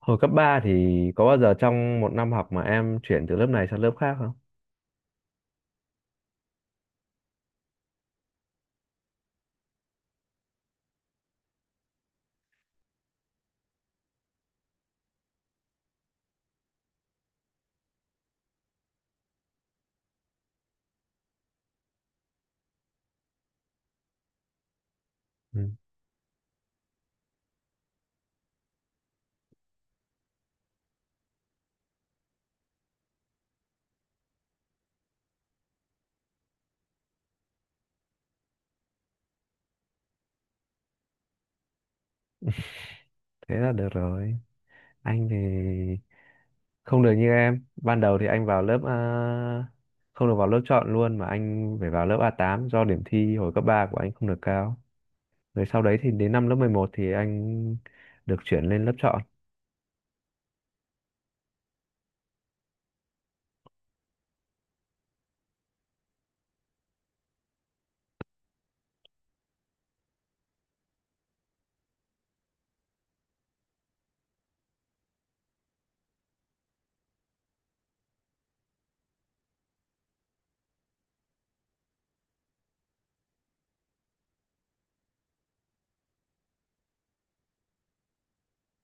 Hồi cấp 3 thì có bao giờ trong một năm học mà em chuyển từ lớp này sang lớp khác không? Ừ, thế là được rồi. Anh thì không được như em. Ban đầu thì anh vào lớp, không được vào lớp chọn luôn mà anh phải vào lớp A8 do điểm thi hồi cấp 3 của anh không được cao. Rồi sau đấy thì đến năm lớp 11 thì anh được chuyển lên lớp chọn.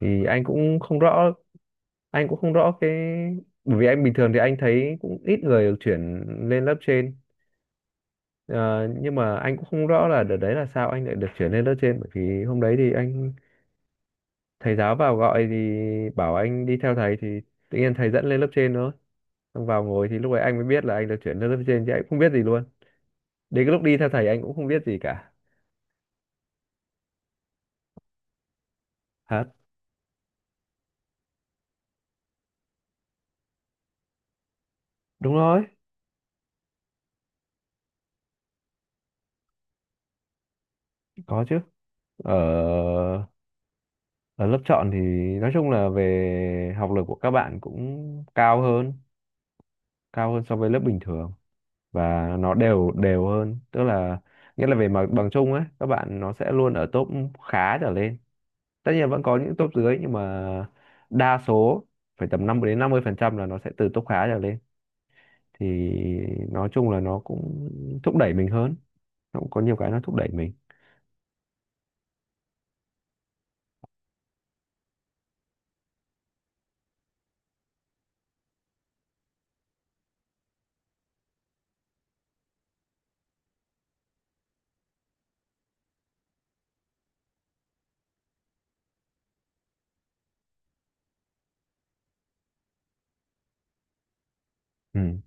Thì anh cũng không rõ anh cũng không rõ cái, bởi vì anh bình thường thì anh thấy cũng ít người được chuyển lên lớp trên. Ờ, nhưng mà anh cũng không rõ là đợt đấy là sao anh lại được chuyển lên lớp trên, bởi vì hôm đấy thì anh, thầy giáo vào gọi thì bảo anh đi theo thầy, thì tự nhiên thầy dẫn lên lớp trên thôi, xong vào ngồi thì lúc ấy anh mới biết là anh được chuyển lên lớp trên chứ anh cũng không biết gì luôn. Đến cái lúc đi theo thầy anh cũng không biết gì cả. Hả? Đúng rồi. Có chứ. Ở ở lớp chọn thì nói chung là về học lực của các bạn cũng cao hơn, cao hơn so với lớp bình thường, và nó đều đều hơn, tức là nghĩa là về mặt bằng chung ấy các bạn nó sẽ luôn ở top khá trở lên. Tất nhiên vẫn có những top dưới nhưng mà đa số phải tầm 50 đến 50% là nó sẽ từ top khá trở lên. Thì nói chung là nó cũng thúc đẩy mình hơn, nó cũng có nhiều cái nó thúc đẩy mình. Ừ,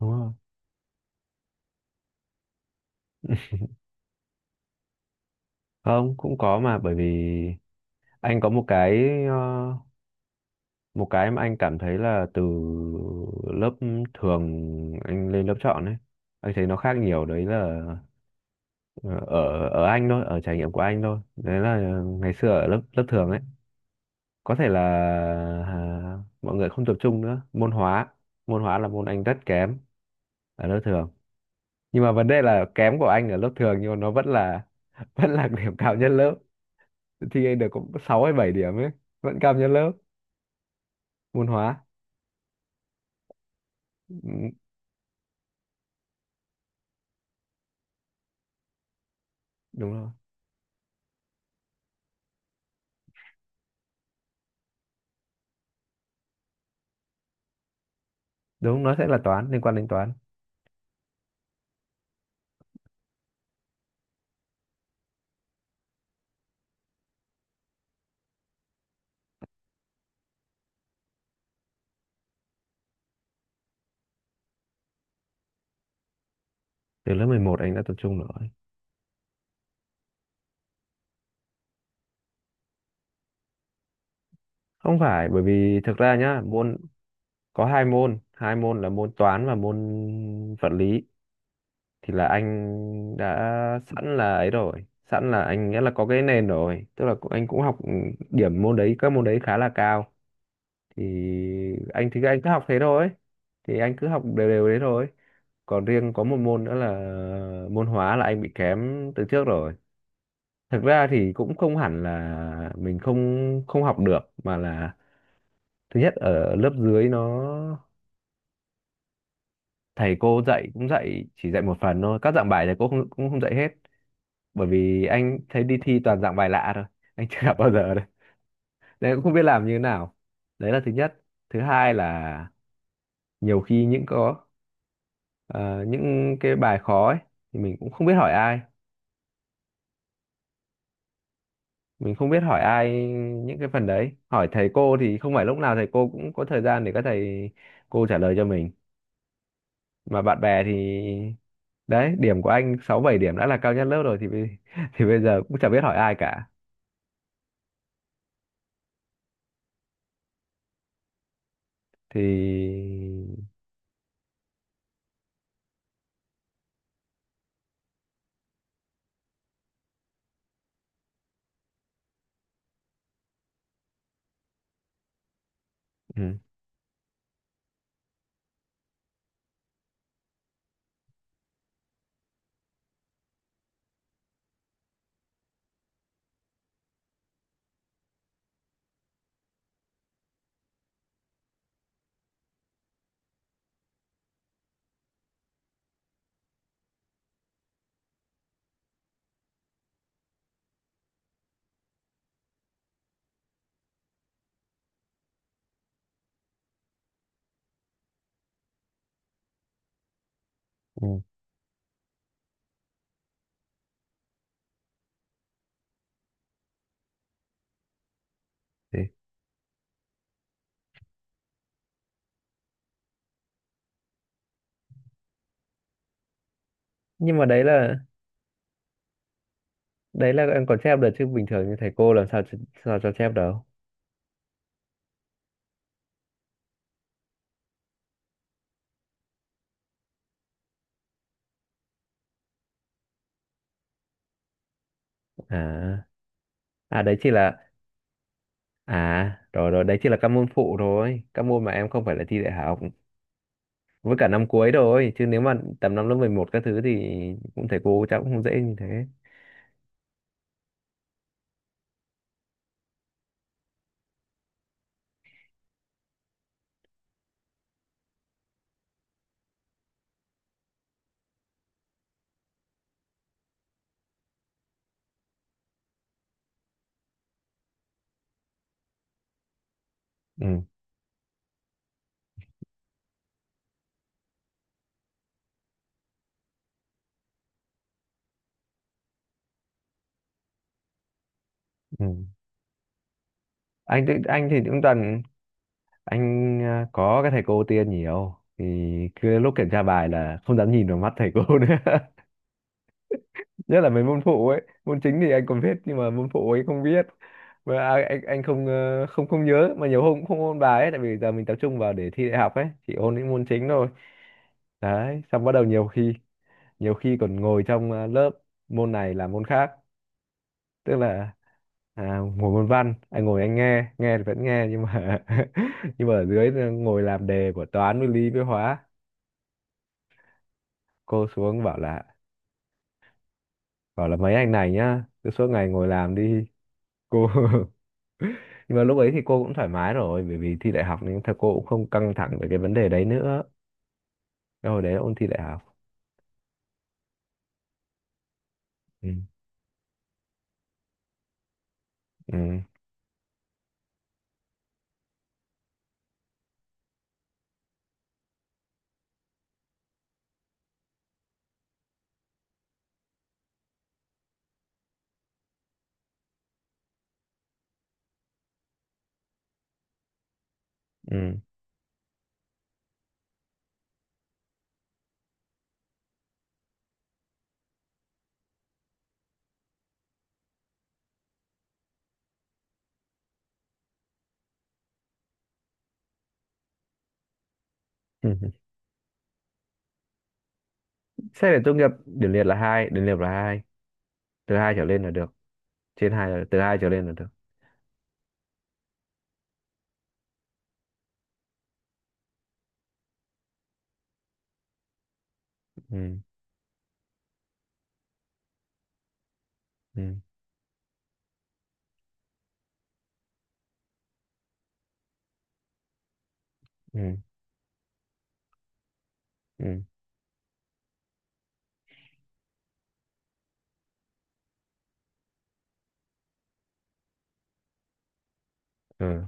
đúng rồi. Không, cũng có, mà bởi vì anh có một cái, một cái mà anh cảm thấy là từ lớp thường anh lên lớp chọn ấy, anh thấy nó khác nhiều đấy là, Ờ, ở ở anh thôi, ở trải nghiệm của anh thôi, đấy là ngày xưa ở lớp lớp thường ấy có thể là, mọi người không tập trung nữa môn hóa. Môn hóa là môn anh rất kém ở lớp thường, nhưng mà vấn đề là kém của anh ở lớp thường nhưng mà nó vẫn là vẫn là điểm cao nhất lớp. Thi được cũng 6 hay 7 điểm ấy, vẫn cao nhất lớp môn hóa. Ừ, đúng rồi. Đúng, nó sẽ là toán, liên quan đến toán. Từ lớp 11 anh đã tập trung rồi. Không phải, bởi vì thực ra nhá môn, có hai môn, hai môn là môn toán và môn vật lý thì là anh đã sẵn là ấy rồi, sẵn là anh nghĩa là có cái nền rồi, tức là cũng, anh cũng học, điểm môn đấy các môn đấy khá là cao. Thì anh, thì anh cứ học thế thôi, thì anh cứ học đều đều đấy thôi. Còn riêng có một môn nữa là môn hóa là anh bị kém từ trước rồi. Thực ra thì cũng không hẳn là mình không không học được, mà là thứ nhất ở lớp dưới nó, thầy cô dạy cũng dạy chỉ dạy một phần thôi, các dạng bài thầy cô không, cũng không dạy hết. Bởi vì anh thấy đi thi toàn dạng bài lạ thôi, anh chưa gặp bao giờ đấy nên cũng không biết làm như thế nào. Đấy là thứ nhất. Thứ hai là nhiều khi những có, ờ, những cái bài khó ấy thì mình cũng không biết hỏi ai. Mình không biết hỏi ai những cái phần đấy. Hỏi thầy cô thì không phải lúc nào thầy cô cũng có thời gian để các thầy cô trả lời cho mình. Mà bạn bè thì đấy, điểm của anh 6 7 điểm đã là cao nhất lớp rồi thì bây- thì bây giờ cũng chả biết hỏi ai cả. Thì ừ. Ừ. Thế. Nhưng mà đấy là em còn chép được chứ bình thường như thầy cô làm sao ch- sao cho chép đâu. À, à đấy chỉ là à rồi rồi đấy chỉ là các môn phụ thôi, các môn mà em không phải là thi đại học, với cả năm cuối thôi, chứ nếu mà tầm năm lớp 11 các thứ thì cũng thầy cô chắc cũng không dễ như thế. Ừ, ừ. Anh thì cũng toàn, anh, có cái thầy cô tia nhiều thì cứ lúc kiểm tra bài là không dám nhìn vào mắt thầy cô nữa. Nhất là mấy môn phụ ấy, môn chính thì anh còn biết nhưng mà môn phụ ấy không biết, mà anh không, không nhớ mà nhiều hôm cũng không ôn bài ấy, tại vì giờ mình tập trung vào để thi đại học ấy chỉ ôn những môn chính thôi. Đấy, xong bắt đầu nhiều khi, nhiều khi còn ngồi trong, lớp, môn này làm môn khác. Tức là, ngồi môn văn anh ngồi, anh nghe, nghe thì vẫn nghe, nhưng mà nhưng mà ở dưới, ngồi làm đề của toán với lý với hóa. Cô xuống bảo là, bảo là mấy anh này nhá cứ suốt ngày ngồi làm đi. Cô nhưng mà lúc ấy thì cô cũng thoải mái rồi bởi vì thi đại học nên thật cô cũng không căng thẳng về cái vấn đề đấy nữa. Cái hồi đấy là ôn thi đại học. Ừ. Ừ. Ừ. Ừ. Xét để tốt nghiệp điểm liệt là hai, điểm liệt là hai. Từ hai trở lên là được. Trên hai là, từ hai trở lên là được. Ừ. Ừ. Ừ. Ừ. Ừ.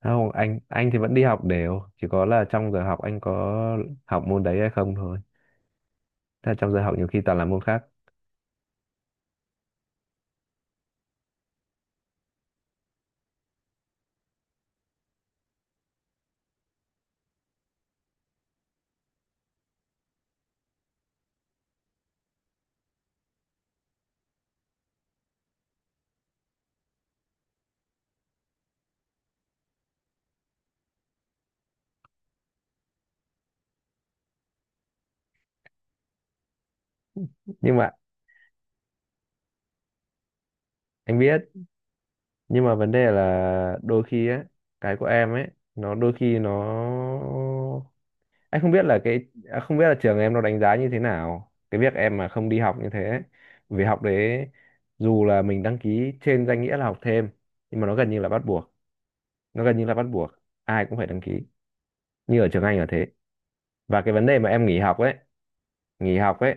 Không, anh thì vẫn đi học đều, chỉ có là trong giờ học anh có học môn đấy hay không thôi. Thế là trong giờ học nhiều khi toàn là môn khác. Nhưng mà anh biết, nhưng mà vấn đề là đôi khi á, cái của em ấy nó đôi khi nó, anh không biết là cái, không biết là trường em nó đánh giá như thế nào cái việc em mà không đi học như thế ấy. Vì học đấy dù là mình đăng ký trên danh nghĩa là học thêm nhưng mà nó gần như là bắt buộc. Nó gần như là bắt buộc, ai cũng phải đăng ký. Như ở trường Anh là thế. Và cái vấn đề mà em nghỉ học ấy, nghỉ học ấy,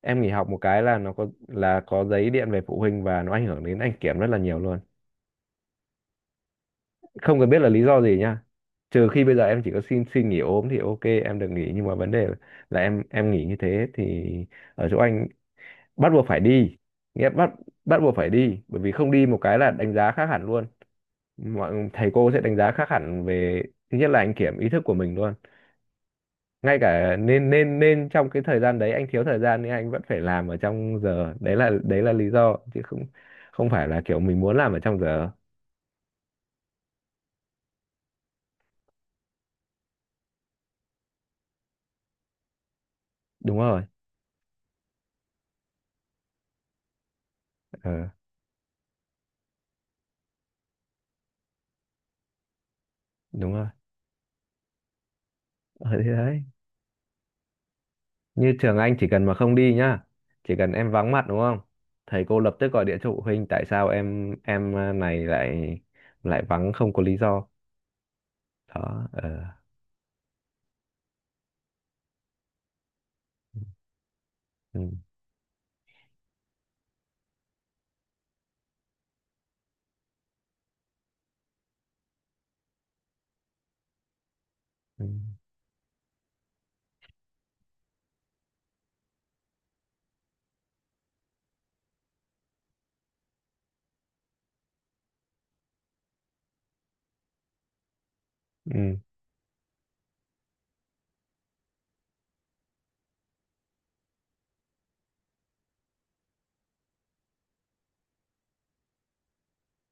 em nghỉ học một cái là nó có là có giấy điện về phụ huynh và nó ảnh hưởng đến anh kiểm rất là nhiều luôn. Không cần biết là lý do gì nha. Trừ khi bây giờ em chỉ có xin xin nghỉ ốm thì ok em được nghỉ, nhưng mà vấn đề là em nghỉ như thế thì ở chỗ anh bắt buộc phải đi. Nghĩa bắt, bắt buộc phải đi bởi vì không đi một cái là đánh giá khác hẳn luôn. Mọi thầy cô sẽ đánh giá khác hẳn về, thứ nhất là anh kiểm ý thức của mình luôn. Ngay cả nên nên nên trong cái thời gian đấy anh thiếu thời gian nhưng anh vẫn phải làm ở trong giờ, đấy là lý do chứ không, không phải là kiểu mình muốn làm ở trong giờ. Đúng rồi. Ờ, đúng rồi. Ở thế đấy. Như trường anh chỉ cần mà không đi nhá, chỉ cần em vắng mặt đúng không? Thầy cô lập tức gọi điện cho phụ huynh tại sao em, này lại, lại vắng không có lý do. Đó. Ờ. Ừ. Ừ. Ừ.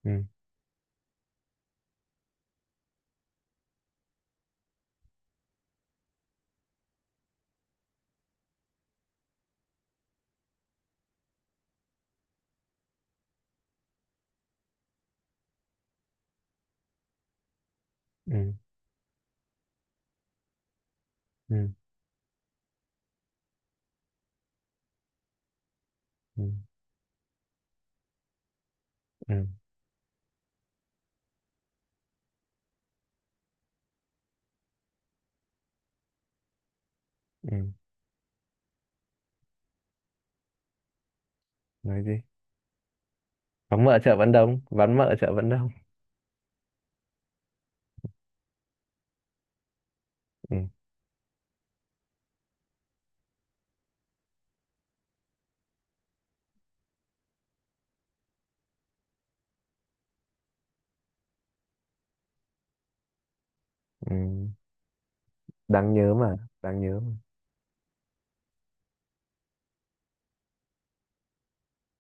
Ừ. Ừ. Ừ. Ừ. Ừ. Ừ. Nói gì? Vắng mợ chợ vẫn đông, vắng mợ chợ vẫn đông. Ừ. Ừ. Đáng nhớ mà, đáng nhớ